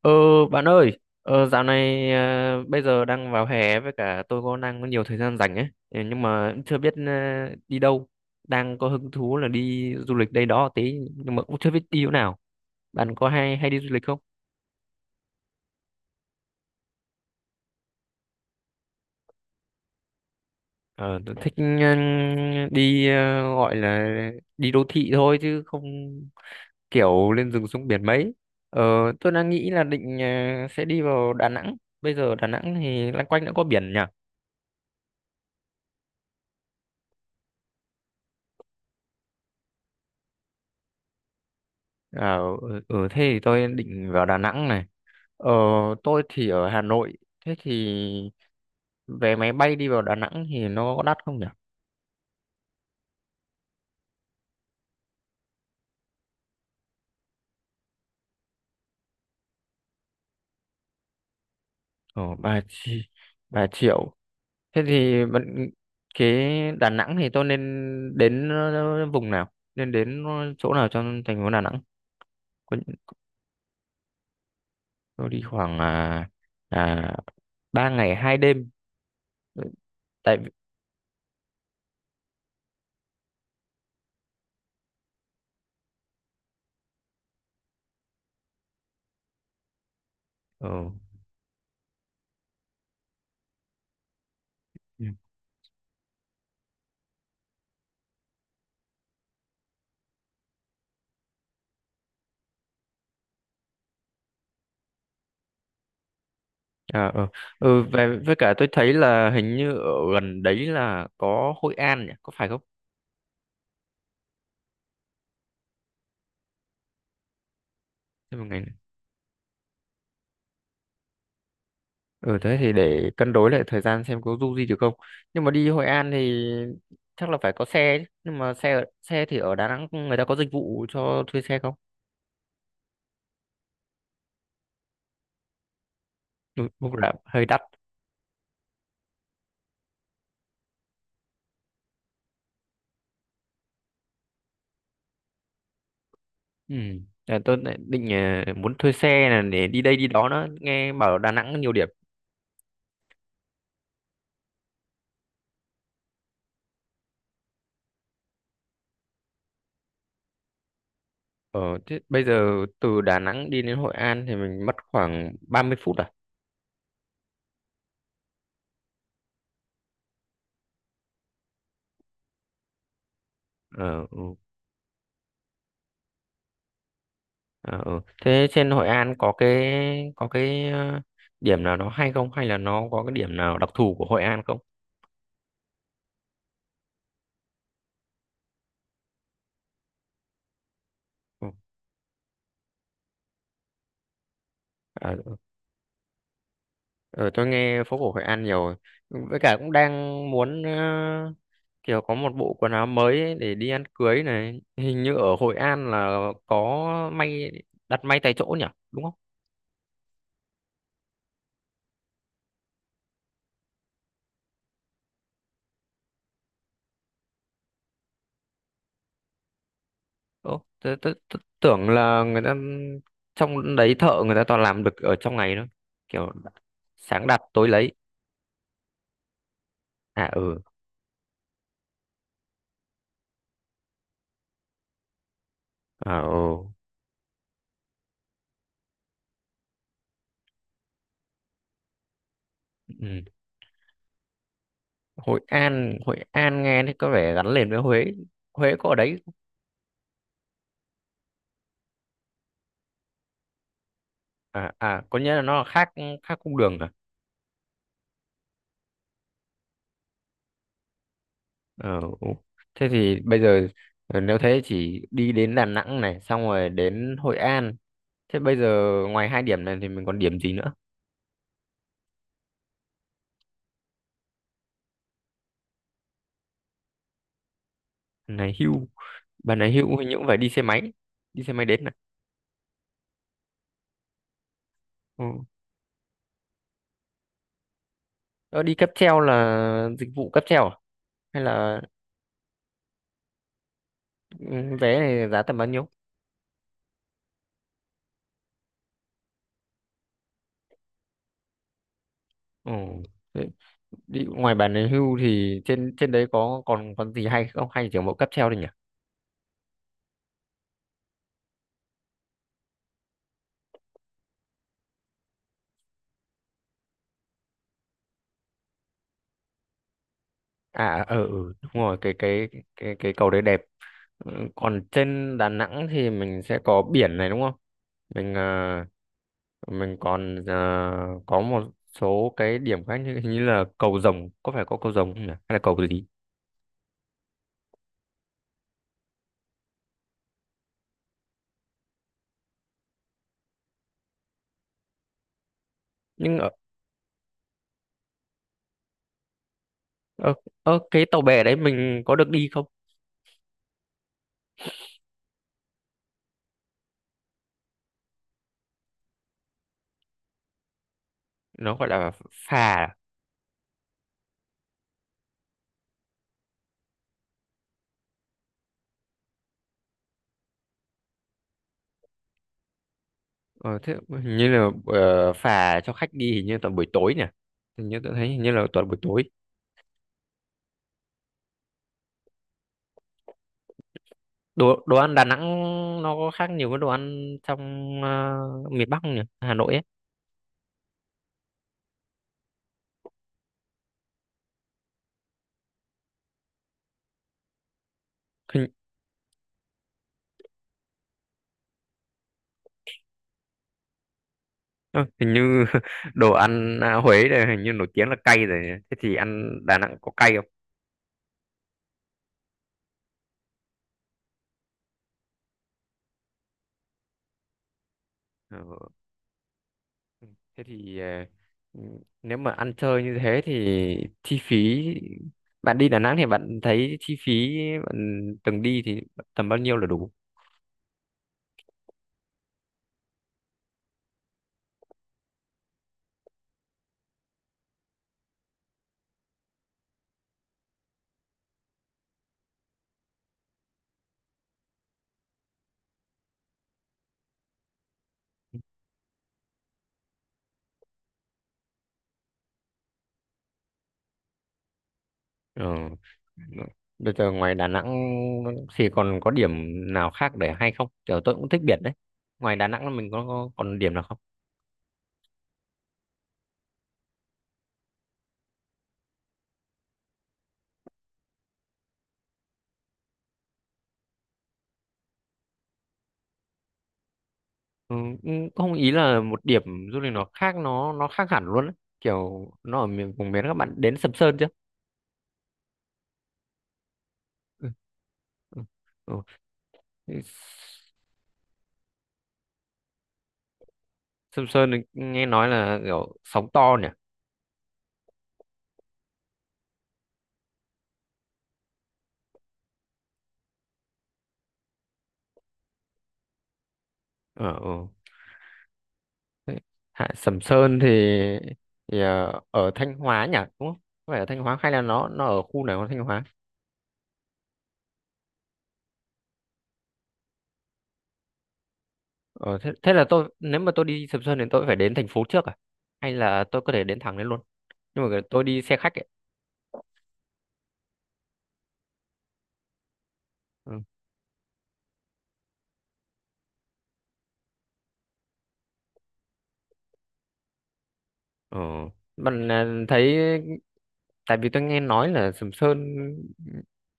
Ờ bạn ơi, dạo này bây giờ đang vào hè với cả tôi có đang có nhiều thời gian rảnh ấy, ừ, nhưng mà cũng chưa biết đi đâu. Đang có hứng thú là đi du lịch đây đó tí nhưng mà cũng chưa biết đi chỗ nào. Bạn có hay hay đi du lịch không? Ờ tôi thích đi gọi là đi đô thị thôi chứ không kiểu lên rừng xuống biển mấy. Ờ tôi đang nghĩ là định sẽ đi vào Đà Nẵng. Bây giờ Đà Nẵng thì loanh quanh đã có biển nhỉ? À, ừ, ừ, thế thì tôi định vào Đà Nẵng này. Ờ, tôi thì ở Hà Nội. Thế thì vé máy bay đi vào Đà Nẵng thì nó có đắt không nhỉ? Ờ, 3, 3 triệu. Thế thì bạn- cái Đà Nẵng thì tôi nên đến vùng nào? Nên đến chỗ nào trong thành phố Đà Nẵng? Có- Tôi đi khoảng à, 3 ngày 2 đêm. Tại vì... Ừ. À, ừ. Ừ, về với cả tôi thấy là hình như ở gần đấy là có Hội An nhỉ, có phải không? Thêm một ngày nữa. Ừ, thế thì để cân đối lại thời gian xem có du gì được không. Nhưng mà đi Hội An thì chắc là phải có xe chứ. Nhưng mà xe thì ở Đà Nẵng người ta có dịch vụ cho thuê xe không? Ừ, cũng là hơi đắt. Ừ. Là tôi lại định muốn thuê xe là để đi đây đi đó nữa, nghe bảo ở Đà Nẵng có nhiều điểm. Ờ, thế bây giờ từ Đà Nẵng đi đến Hội An thì mình mất khoảng 30 phút à? Ờ, ừ. Ờ, ừ. Thế trên Hội An có cái điểm nào nó hay không hay là nó có cái điểm nào đặc thù của Hội An không? Ừ. À, ừ, tôi nghe phố cổ Hội An nhiều rồi. Với cả cũng đang muốn kiểu có một bộ quần áo mới ấy để đi ăn cưới này. Hình như ở Hội An là có may đặt may tại chỗ nhỉ? Đúng không? Ừ. Tôi tưởng là người ta trong đấy thợ người ta toàn làm được ở trong ngày thôi. Kiểu sáng đặt tối lấy. À ừ. À ừ. Ừ. Hội An nghe thì có vẻ gắn liền với Huế, Huế có ở đấy không? À à, có nghĩa là nó là khác, khác cung đường à. Ờ, ừ. Thế thì bây giờ nếu thế chỉ đi đến Đà Nẵng này xong rồi đến Hội An, thế bây giờ ngoài hai điểm này thì mình còn điểm gì nữa. Này hưu, bà này hưu hình như cũng phải đi xe máy, đi xe máy đến này. Ừ. Ờ, đi cáp treo là dịch vụ cáp treo à? Hay là ừ, vé này giá tầm bao nhiêu. Ừ. Đi ngoài bản đề hưu thì trên trên đấy có còn còn gì hay không hay chỉ có mỗi cáp treo thôi nhỉ? À à, ờ ừ, đúng rồi cái cầu đấy đẹp. Ừ, còn trên Đà Nẵng thì mình sẽ có biển này đúng không? mình à, mình còn có một số cái điểm khác như hình như là cầu Rồng, có phải có cầu Rồng không nhỉ hay là cầu gì? Nhưng ở, ở, ở cái tàu bè đấy mình có được đi không? Nó gọi là phà à? Ờ, thế hình như là phà cho khách đi hình như toàn buổi tối nhỉ, hình như tôi thấy hình như là toàn buổi tối. Đồ đồ ăn Đà Nẵng nó có khác nhiều với đồ ăn trong ờ, miền Bắc không nhỉ, Hà Nội ấy. hình, ờ, Hình như đồ ăn Huế này hình như nổi tiếng là cay rồi nhỉ? Thế thì ăn Đà Nẵng có cay không? Ờ, thế thì nếu mà ăn chơi như thế thì chi phí, bạn đi Đà Nẵng thì bạn thấy chi phí bạn từng đi thì tầm bao nhiêu là đủ? Ờ. Bây giờ ngoài Đà Nẵng thì còn có điểm nào khác để hay không? Kiểu tôi cũng thích biển đấy. Ngoài Đà Nẵng mình có còn điểm nào không? Ừ, cũng không ý là một điểm du lịch nó khác, nó khác hẳn luôn đấy. Kiểu nó ở miền vùng miền, các bạn đến Sầm Sơn chưa? Ừ. Ừ, ừ. Thế Sầm Sơn thì nghe nói là kiểu sóng to nhỉ? Ờ, ừ. Thế, Hạ Sầm Sơn thì ở Thanh Hóa nhỉ? Đúng không? Phải ở Thanh Hóa hay là nó ở khu nào của Thanh Hóa? Ờ, thế, thế là tôi nếu mà tôi đi Sầm Sơn thì tôi phải đến thành phố trước à? Hay là tôi có thể đến thẳng đến luôn? Nhưng mà tôi đi xe khách ấy. Ừ. Ờ. Bạn thấy tại vì tôi nghe nói là Sầm Sơn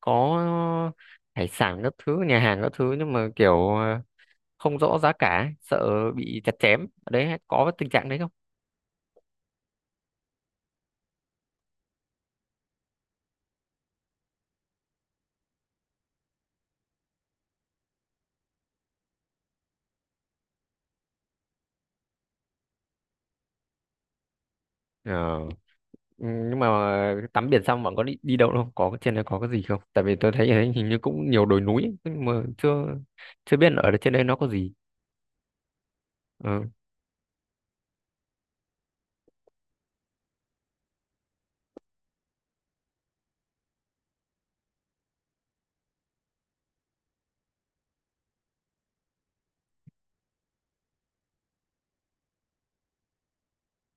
có hải sản các thứ, nhà hàng các thứ nhưng mà kiểu không rõ giá cả, sợ bị chặt chém. Ở đấy có tình trạng đấy không? Ờ. Ừ, nhưng mà tắm biển xong bạn có đi đi đâu không, có cái trên đấy có cái gì không, tại vì tôi thấy ở đấy hình như cũng nhiều đồi núi ấy, nhưng mà chưa chưa biết ở trên đây nó có gì. Ừ.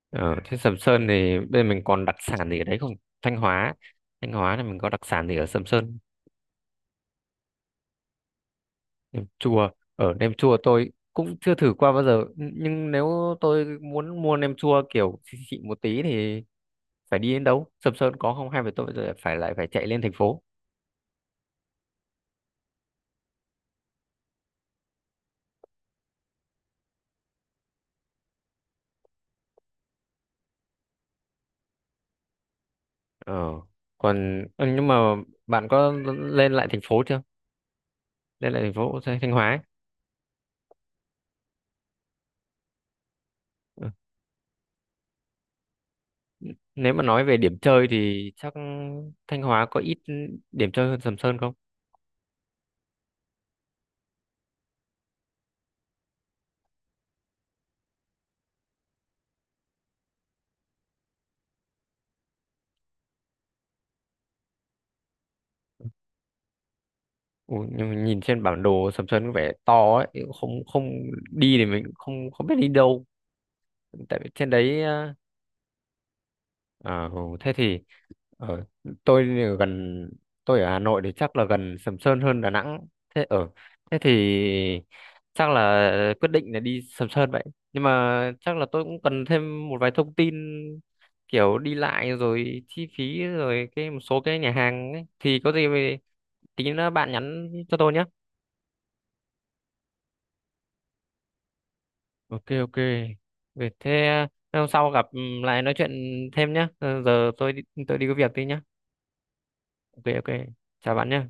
Ở trên Sầm Sơn thì bên mình còn đặc sản gì ở đấy không? Thanh Hóa, Thanh Hóa là mình có đặc sản gì ở Sầm Sơn? Nem chua, ở nem chua tôi cũng chưa thử qua bao giờ nhưng nếu tôi muốn mua nem chua kiểu xịn xịn một tí thì phải đi đến đâu, Sầm Sơn có không hay phải tôi phải lại phải chạy lên thành phố? Ờ. Còn ừ, nhưng mà bạn có lên lại thành phố chưa? Lên lại thành phố Thanh Thanh Hóa ấy. Ừ. Nếu mà nói về điểm chơi thì chắc Thanh Hóa có ít điểm chơi hơn Sầm Sơn không? Ủa, nhưng mà nhìn trên bản đồ Sầm Sơn có vẻ to ấy, không không đi thì mình không không biết đi đâu. Tại vì trên đấy à, ờ, thế thì ở tôi thì ở gần, tôi ở Hà Nội thì chắc là gần Sầm Sơn hơn Đà Nẵng. Thế ở thế thì chắc là quyết định là đi Sầm Sơn vậy. Nhưng mà chắc là tôi cũng cần thêm một vài thông tin kiểu đi lại rồi chi phí rồi cái một số cái nhà hàng ấy. Thì có gì về tí nữa bạn nhắn cho tôi nhé. Ok ok. Vậy thế hôm sau gặp lại nói chuyện thêm nhé. Giờ tôi đi có việc đi nhé. Ok ok. Chào bạn nhé.